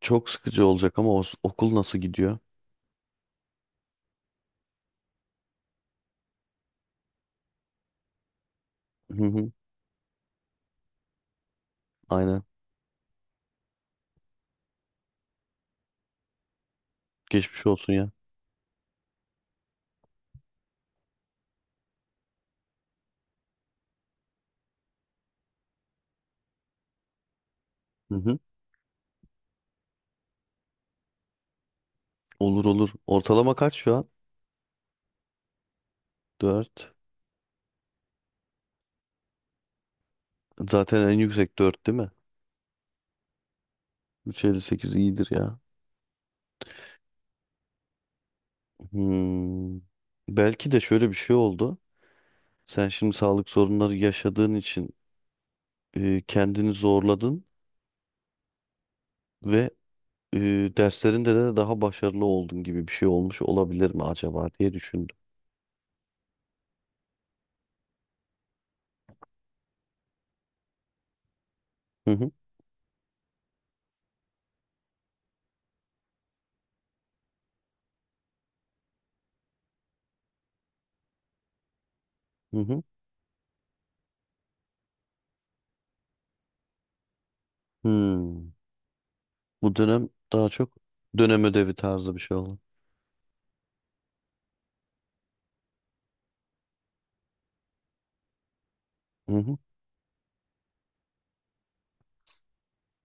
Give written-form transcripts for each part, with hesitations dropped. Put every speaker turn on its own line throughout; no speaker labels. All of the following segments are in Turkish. Çok sıkıcı olacak ama okul nasıl gidiyor? Hı hı, aynen. Geçmiş olsun ya. Hı hı. Olur olur, ortalama kaç şu an? 4. Zaten en yüksek 4 değil mi? 3.58 iyidir ya. Hmm. Belki de şöyle bir şey oldu. Sen şimdi sağlık sorunları yaşadığın için kendini zorladın ve e, derslerinde de daha başarılı oldun gibi bir şey olmuş olabilir mi acaba diye düşündüm. Hı hı. Hı hı. Hmm. Bu dönem daha çok dönem ödevi tarzı bir şey oldu. Hı hı.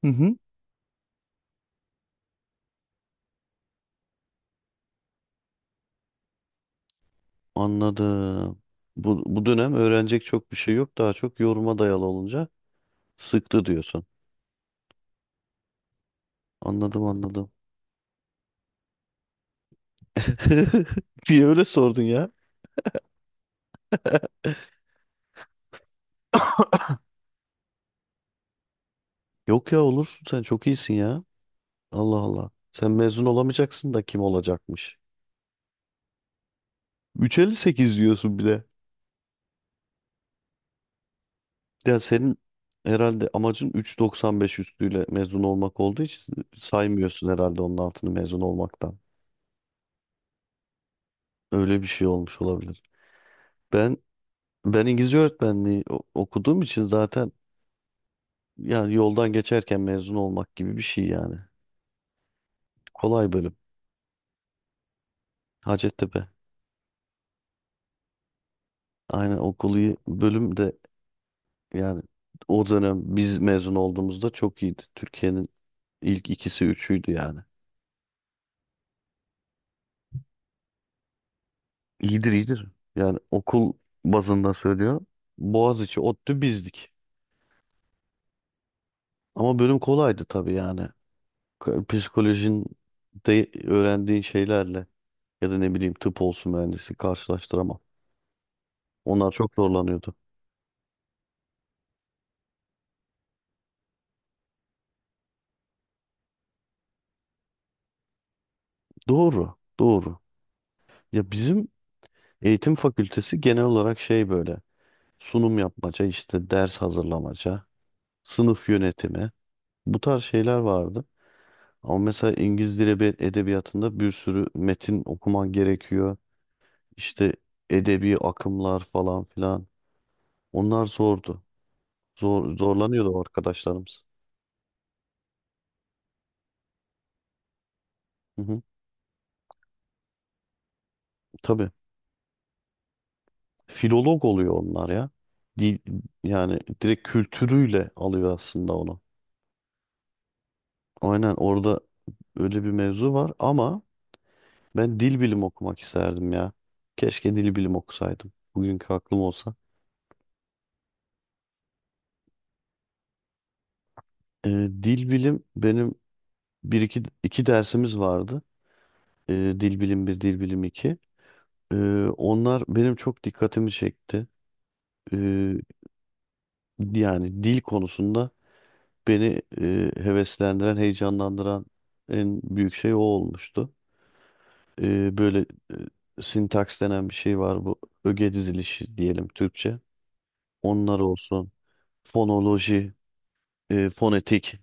Hı hı. Anladım. Bu dönem öğrenecek çok bir şey yok. Daha çok yoruma dayalı olunca sıktı diyorsun. Anladım anladım. Niye öyle sordun ya? Yok ya, olursun sen, çok iyisin ya. Allah Allah. Sen mezun olamayacaksın da kim olacakmış? 3.58 diyorsun bir de. Ya senin herhalde amacın 3.95 üstüyle mezun olmak olduğu için saymıyorsun herhalde onun altını mezun olmaktan. Öyle bir şey olmuş olabilir. Ben Ben İngilizce öğretmenliği okuduğum için zaten yani yoldan geçerken mezun olmak gibi bir şey yani. Kolay bölüm. Hacettepe. Aynen, okulu bölüm de yani, o dönem biz mezun olduğumuzda çok iyiydi. Türkiye'nin ilk ikisi üçüydü yani. İyidir iyidir. Yani okul bazında söylüyorum. Boğaziçi, ODTÜ, bizdik. Ama bölüm kolaydı tabii yani. Psikolojinin de öğrendiğin şeylerle ya da ne bileyim tıp olsun, mühendisi karşılaştıramam. Onlar çok zorlanıyordu. Doğru, doğru. Ya bizim eğitim fakültesi genel olarak şey, böyle sunum yapmaca, işte ders hazırlamaca, sınıf yönetimi, bu tarz şeyler vardı. Ama mesela İngiliz Dili Edebiyatı'nda bir sürü metin okuman gerekiyor. İşte edebi akımlar falan filan. Onlar zordu. Zorlanıyordu o arkadaşlarımız. Hı hı, tabii. Filolog oluyor onlar ya. Dil, yani direkt kültürüyle alıyor aslında onu. Aynen orada öyle bir mevzu var ama ben dil bilim okumak isterdim ya. Keşke dil bilim okusaydım. Bugünkü aklım olsa. Ee, dil bilim benim iki dersimiz vardı. Ee, dil bilim bir, dil bilim iki. Ee, onlar benim çok dikkatimi çekti. Ee, yani dil konusunda beni heveslendiren, heyecanlandıran en büyük şey o olmuştu. Böyle sintaks denen bir şey var bu. Öge dizilişi diyelim Türkçe. Onlar olsun. Fonoloji, fonetik.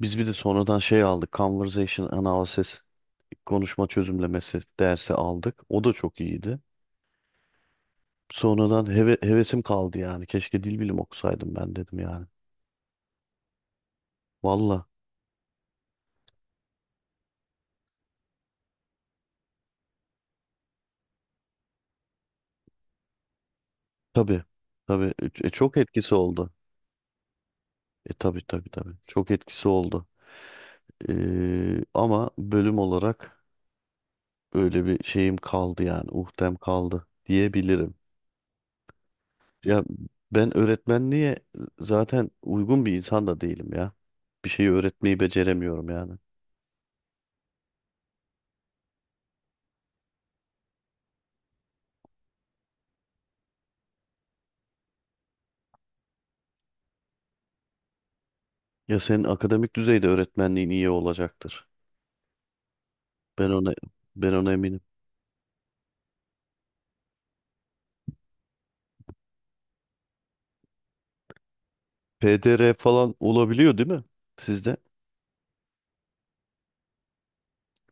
Biz bir de sonradan şey aldık, Conversation Analysis, konuşma çözümlemesi dersi aldık. O da çok iyiydi. Sonradan hevesim kaldı yani. Keşke dil bilim okusaydım ben dedim yani. Valla. Tabii. Tabii. Çok etkisi oldu. E tabii tabii tabii. Çok etkisi oldu. Ama bölüm olarak öyle bir şeyim kaldı yani. Uhtem kaldı diyebilirim. Ya ben öğretmenliğe zaten uygun bir insan da değilim ya. Bir şeyi öğretmeyi beceremiyorum yani. Ya senin akademik düzeyde öğretmenliğin iyi olacaktır. Ben ona ben ona eminim. PDR falan olabiliyor değil mi? Sizde.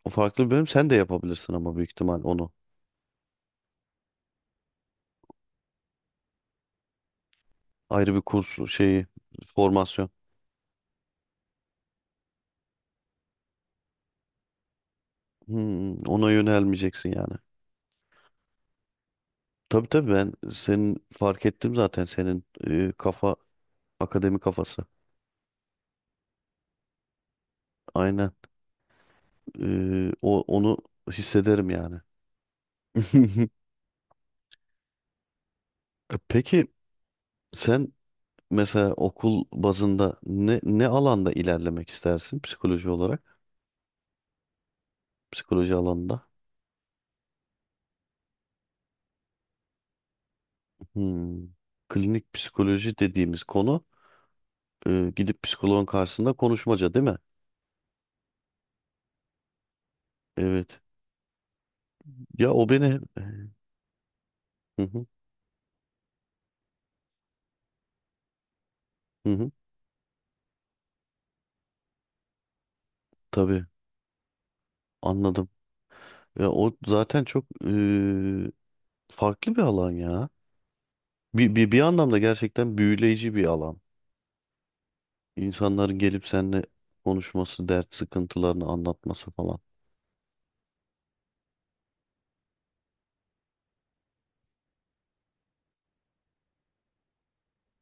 O farklı bir bölüm, sen de yapabilirsin ama büyük ihtimal onu. Ayrı bir kurs şeyi, formasyon. Hmm, ona yönelmeyeceksin yani. Tabii tabii, ben senin fark ettim zaten, senin kafa akademi kafası. Aynen. Onu hissederim yani. Peki sen mesela okul bazında ne alanda ilerlemek istersin, psikoloji olarak? Psikoloji alanında. Hmm. Klinik psikoloji dediğimiz konu gidip psikoloğun karşısında konuşmaca değil mi? Evet. Ya o beni hı hı, hı hı, tabii anladım. Ya o zaten çok farklı bir alan ya. Bir anlamda gerçekten büyüleyici bir alan. İnsanların gelip seninle konuşması, dert sıkıntılarını anlatması falan.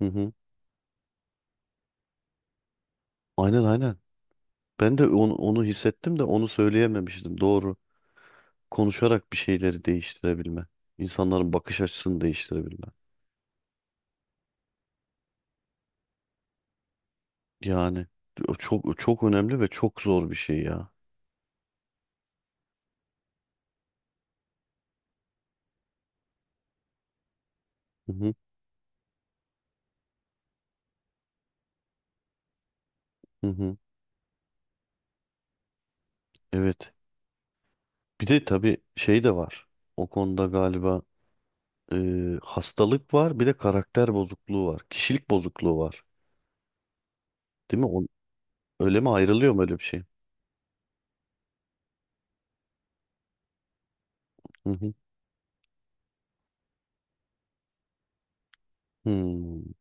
Hı hı. Aynen aynen. Ben de onu hissettim de onu söyleyememiştim. Doğru. Konuşarak bir şeyleri değiştirebilme. İnsanların bakış açısını değiştirebilme. Yani o çok çok önemli ve çok zor bir şey ya. Hı hı, hı hı. Evet. Bir de tabii şey de var. O konuda galiba e, hastalık var, bir de karakter bozukluğu var. Kişilik bozukluğu var. Değil mi? Öyle mi ayrılıyor, mu öyle bir şey? Hı hı. Hmm.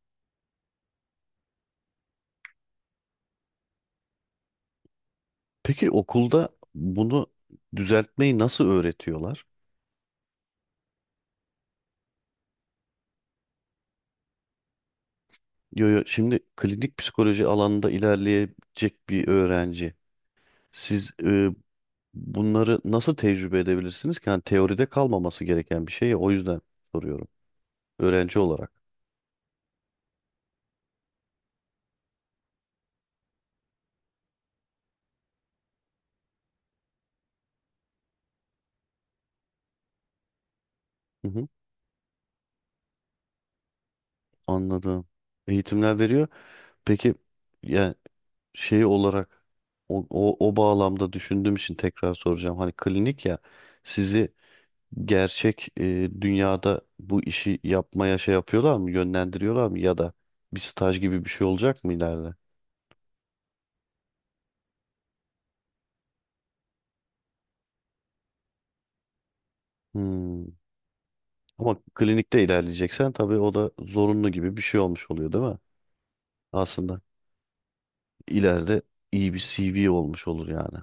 Peki okulda bunu düzeltmeyi nasıl öğretiyorlar? Şimdi klinik psikoloji alanında ilerleyecek bir öğrenci. Siz bunları nasıl tecrübe edebilirsiniz ki? Yani teoride kalmaması gereken bir şey ya, o yüzden soruyorum. Öğrenci olarak. Hı hı, anladım. Eğitimler veriyor. Peki yani şey olarak o bağlamda düşündüğüm için tekrar soracağım. Hani klinik ya, sizi gerçek dünyada bu işi yapmaya şey yapıyorlar mı, yönlendiriyorlar mı ya da bir staj gibi bir şey olacak mı ileride? Hmm. Ama klinikte ilerleyeceksen tabii o da zorunlu gibi bir şey olmuş oluyor değil mi? Aslında ileride iyi bir CV olmuş olur yani.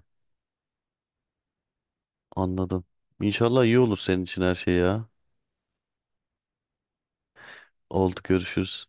Anladım. İnşallah iyi olur senin için her şey ya. Oldu, görüşürüz.